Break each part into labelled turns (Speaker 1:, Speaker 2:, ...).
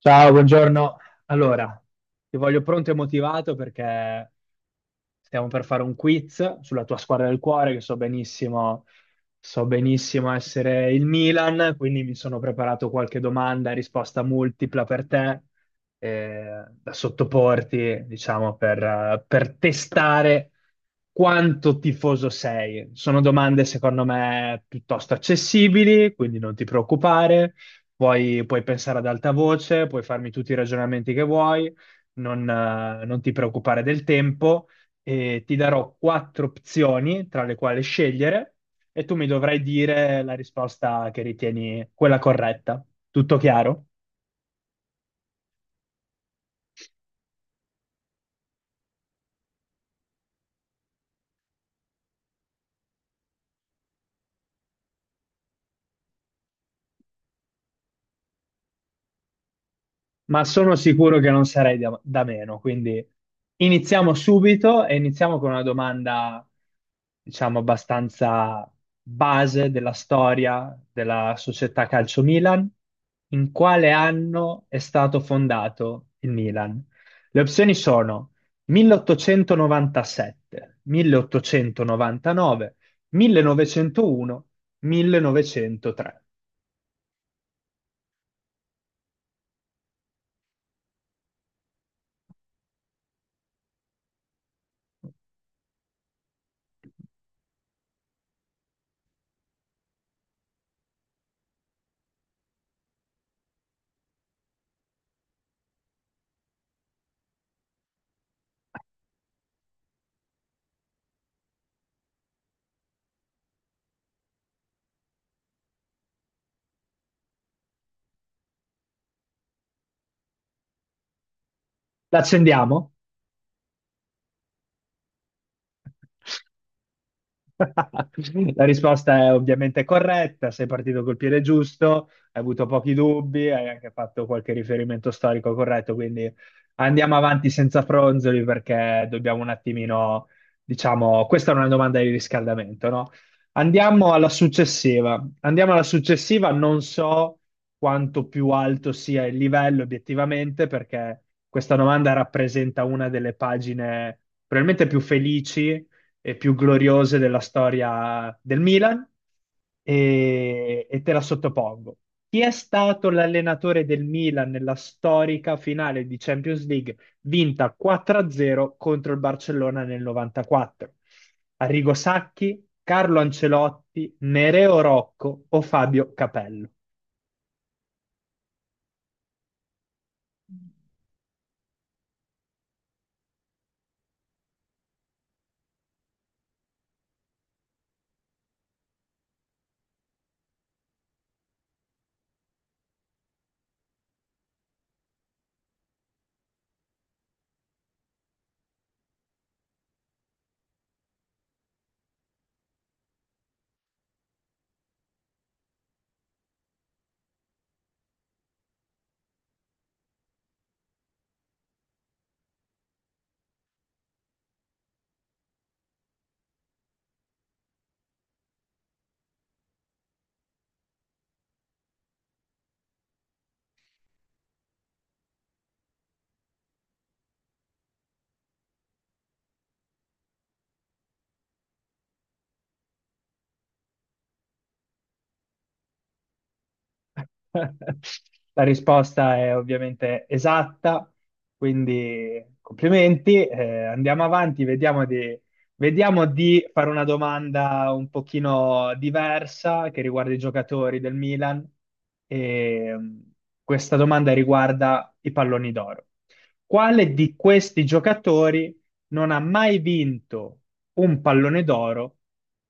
Speaker 1: Ciao, buongiorno. Allora, ti voglio pronto e motivato perché stiamo per fare un quiz sulla tua squadra del cuore, che so benissimo essere il Milan, quindi mi sono preparato qualche domanda e risposta multipla per te, da sottoporti, diciamo, per testare quanto tifoso sei. Sono domande, secondo me, piuttosto accessibili, quindi non ti preoccupare. Puoi pensare ad alta voce, puoi farmi tutti i ragionamenti che vuoi, non ti preoccupare del tempo e ti darò quattro opzioni tra le quali scegliere e tu mi dovrai dire la risposta che ritieni quella corretta. Tutto chiaro? Ma sono sicuro che non sarei da meno. Quindi iniziamo subito e iniziamo con una domanda, diciamo, abbastanza base della storia della società Calcio Milan. In quale anno è stato fondato il Milan? Le opzioni sono 1897, 1899, 1901, 1903. L'accendiamo? La risposta è ovviamente corretta, sei partito col piede giusto, hai avuto pochi dubbi, hai anche fatto qualche riferimento storico corretto, quindi andiamo avanti senza fronzoli perché dobbiamo un attimino, diciamo, questa è una domanda di riscaldamento, no? Andiamo alla successiva. Andiamo alla successiva, non so quanto più alto sia il livello obiettivamente perché questa domanda rappresenta una delle pagine probabilmente più felici, più gloriose della storia del Milan e te la sottopongo. Chi è stato l'allenatore del Milan nella storica finale di Champions League vinta 4-0 contro il Barcellona nel 94? Arrigo Sacchi, Carlo Ancelotti, Nereo Rocco o Fabio Capello? La risposta è ovviamente esatta, quindi complimenti. Andiamo avanti, vediamo di fare una domanda un pochino diversa che riguarda i giocatori del Milan. E, questa domanda riguarda i palloni d'oro. Quale di questi giocatori non ha mai vinto un pallone d'oro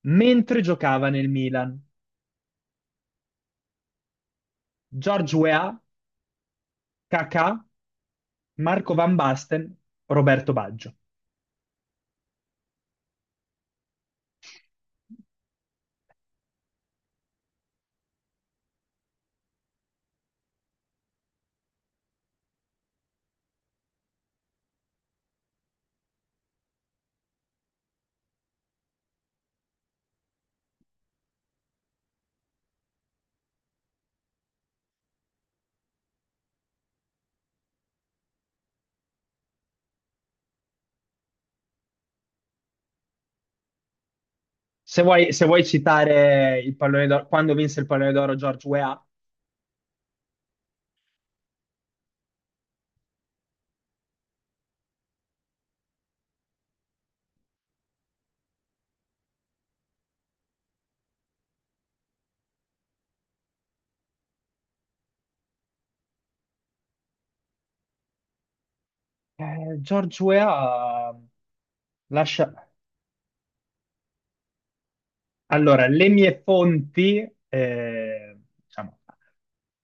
Speaker 1: mentre giocava nel Milan? George Weah, Kakà, Marco Van Basten, Roberto Baggio. Se vuoi citare il pallone d'oro, quando vinse il pallone d'oro George Weah, eh, George Weah eh, lascia... Allora, le mie fonti, diciamo,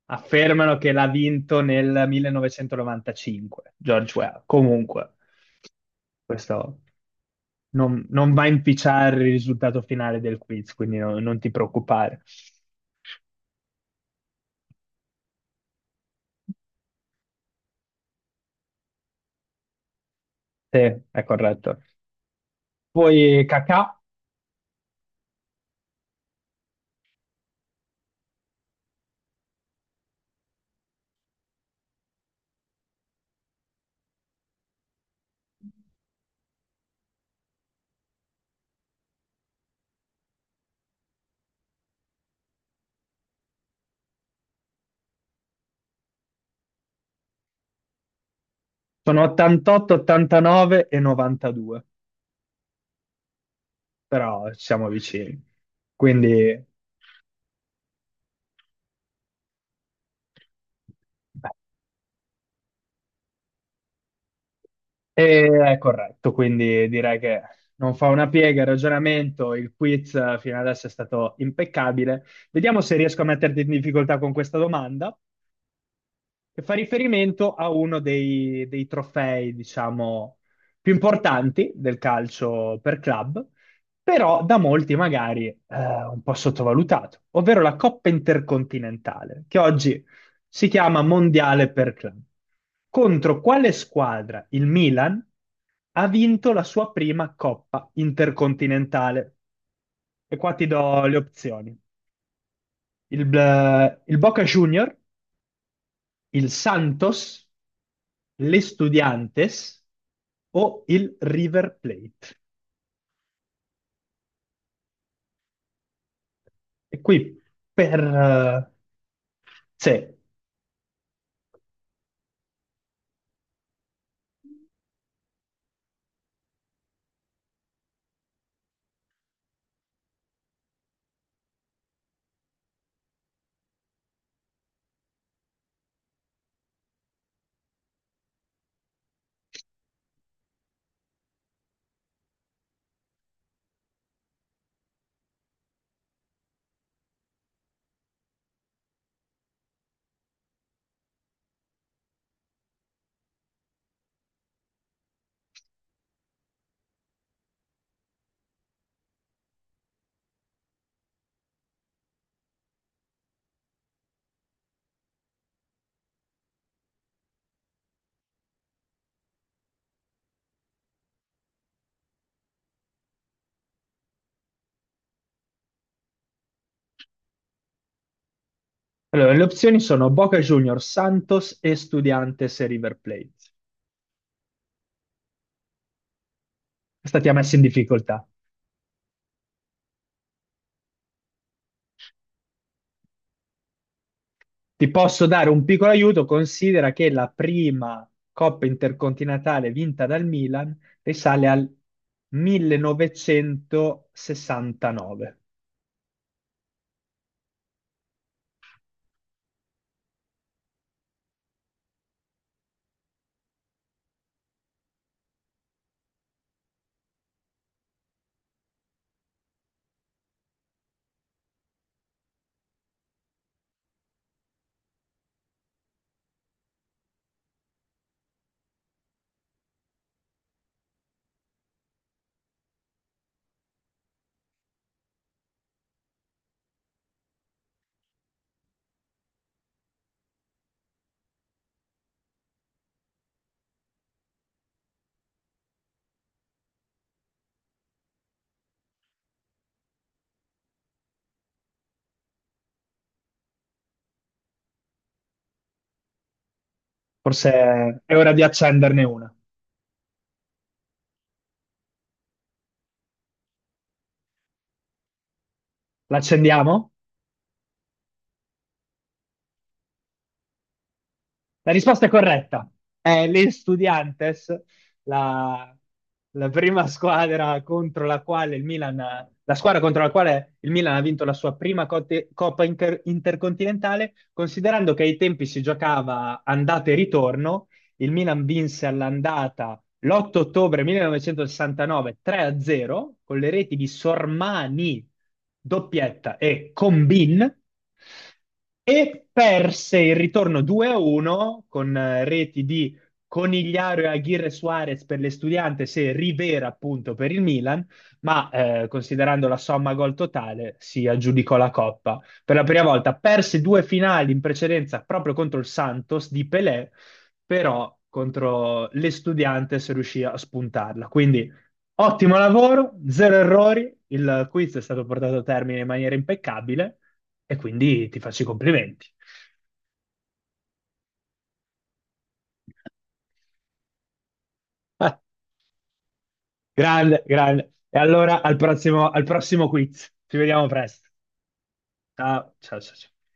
Speaker 1: affermano che l'ha vinto nel 1995, George Weah. Comunque, questo non va a inficiare il risultato finale del quiz, quindi non ti preoccupare. Sì, è corretto. Poi Kakà. Sono 88, 89 e 92, però siamo vicini. Quindi è corretto, quindi direi che non fa una piega il ragionamento. Il quiz, fino adesso è stato impeccabile. Vediamo se riesco a metterti in difficoltà con questa domanda che fa riferimento a uno dei trofei, diciamo, più importanti del calcio per club, però da molti magari, un po' sottovalutato, ovvero la Coppa Intercontinentale, che oggi si chiama Mondiale per club. Contro quale squadra il Milan ha vinto la sua prima Coppa Intercontinentale? E qua ti do le opzioni. Il, il Boca Junior, il Santos, l'Estudiantes o il River Plate. E qui per... se- Allora, le opzioni sono Boca Juniors, Santos, Estudiantes e River Plate. Questa ti ha messo in difficoltà. Ti posso dare un piccolo aiuto, considera che la prima Coppa Intercontinentale vinta dal Milan risale al 1969. Forse è ora di accenderne una. L'accendiamo? La risposta è corretta. È gli Estudiantes, la, la prima squadra contro la quale il Milan, la squadra contro la quale il Milan ha vinto la sua prima Intercontinentale, considerando che ai tempi si giocava andata e ritorno. Il Milan vinse all'andata l'8 ottobre 1969, 3-0, con le reti di Sormani, doppietta, e Combin, e perse il ritorno 2-1 con reti di Conigliaro e Aguirre Suarez per l'Estudiantes e Rivera appunto per il Milan, ma, considerando la somma gol totale si aggiudicò la Coppa. Per la prima volta perse due finali in precedenza proprio contro il Santos di Pelé, però contro l'Estudiantes riuscì a spuntarla. Quindi ottimo lavoro, zero errori, il quiz è stato portato a termine in maniera impeccabile e quindi ti faccio i complimenti. Ah, grande, grande. E allora al prossimo quiz. Ci vediamo presto. Ciao, ciao, ciao.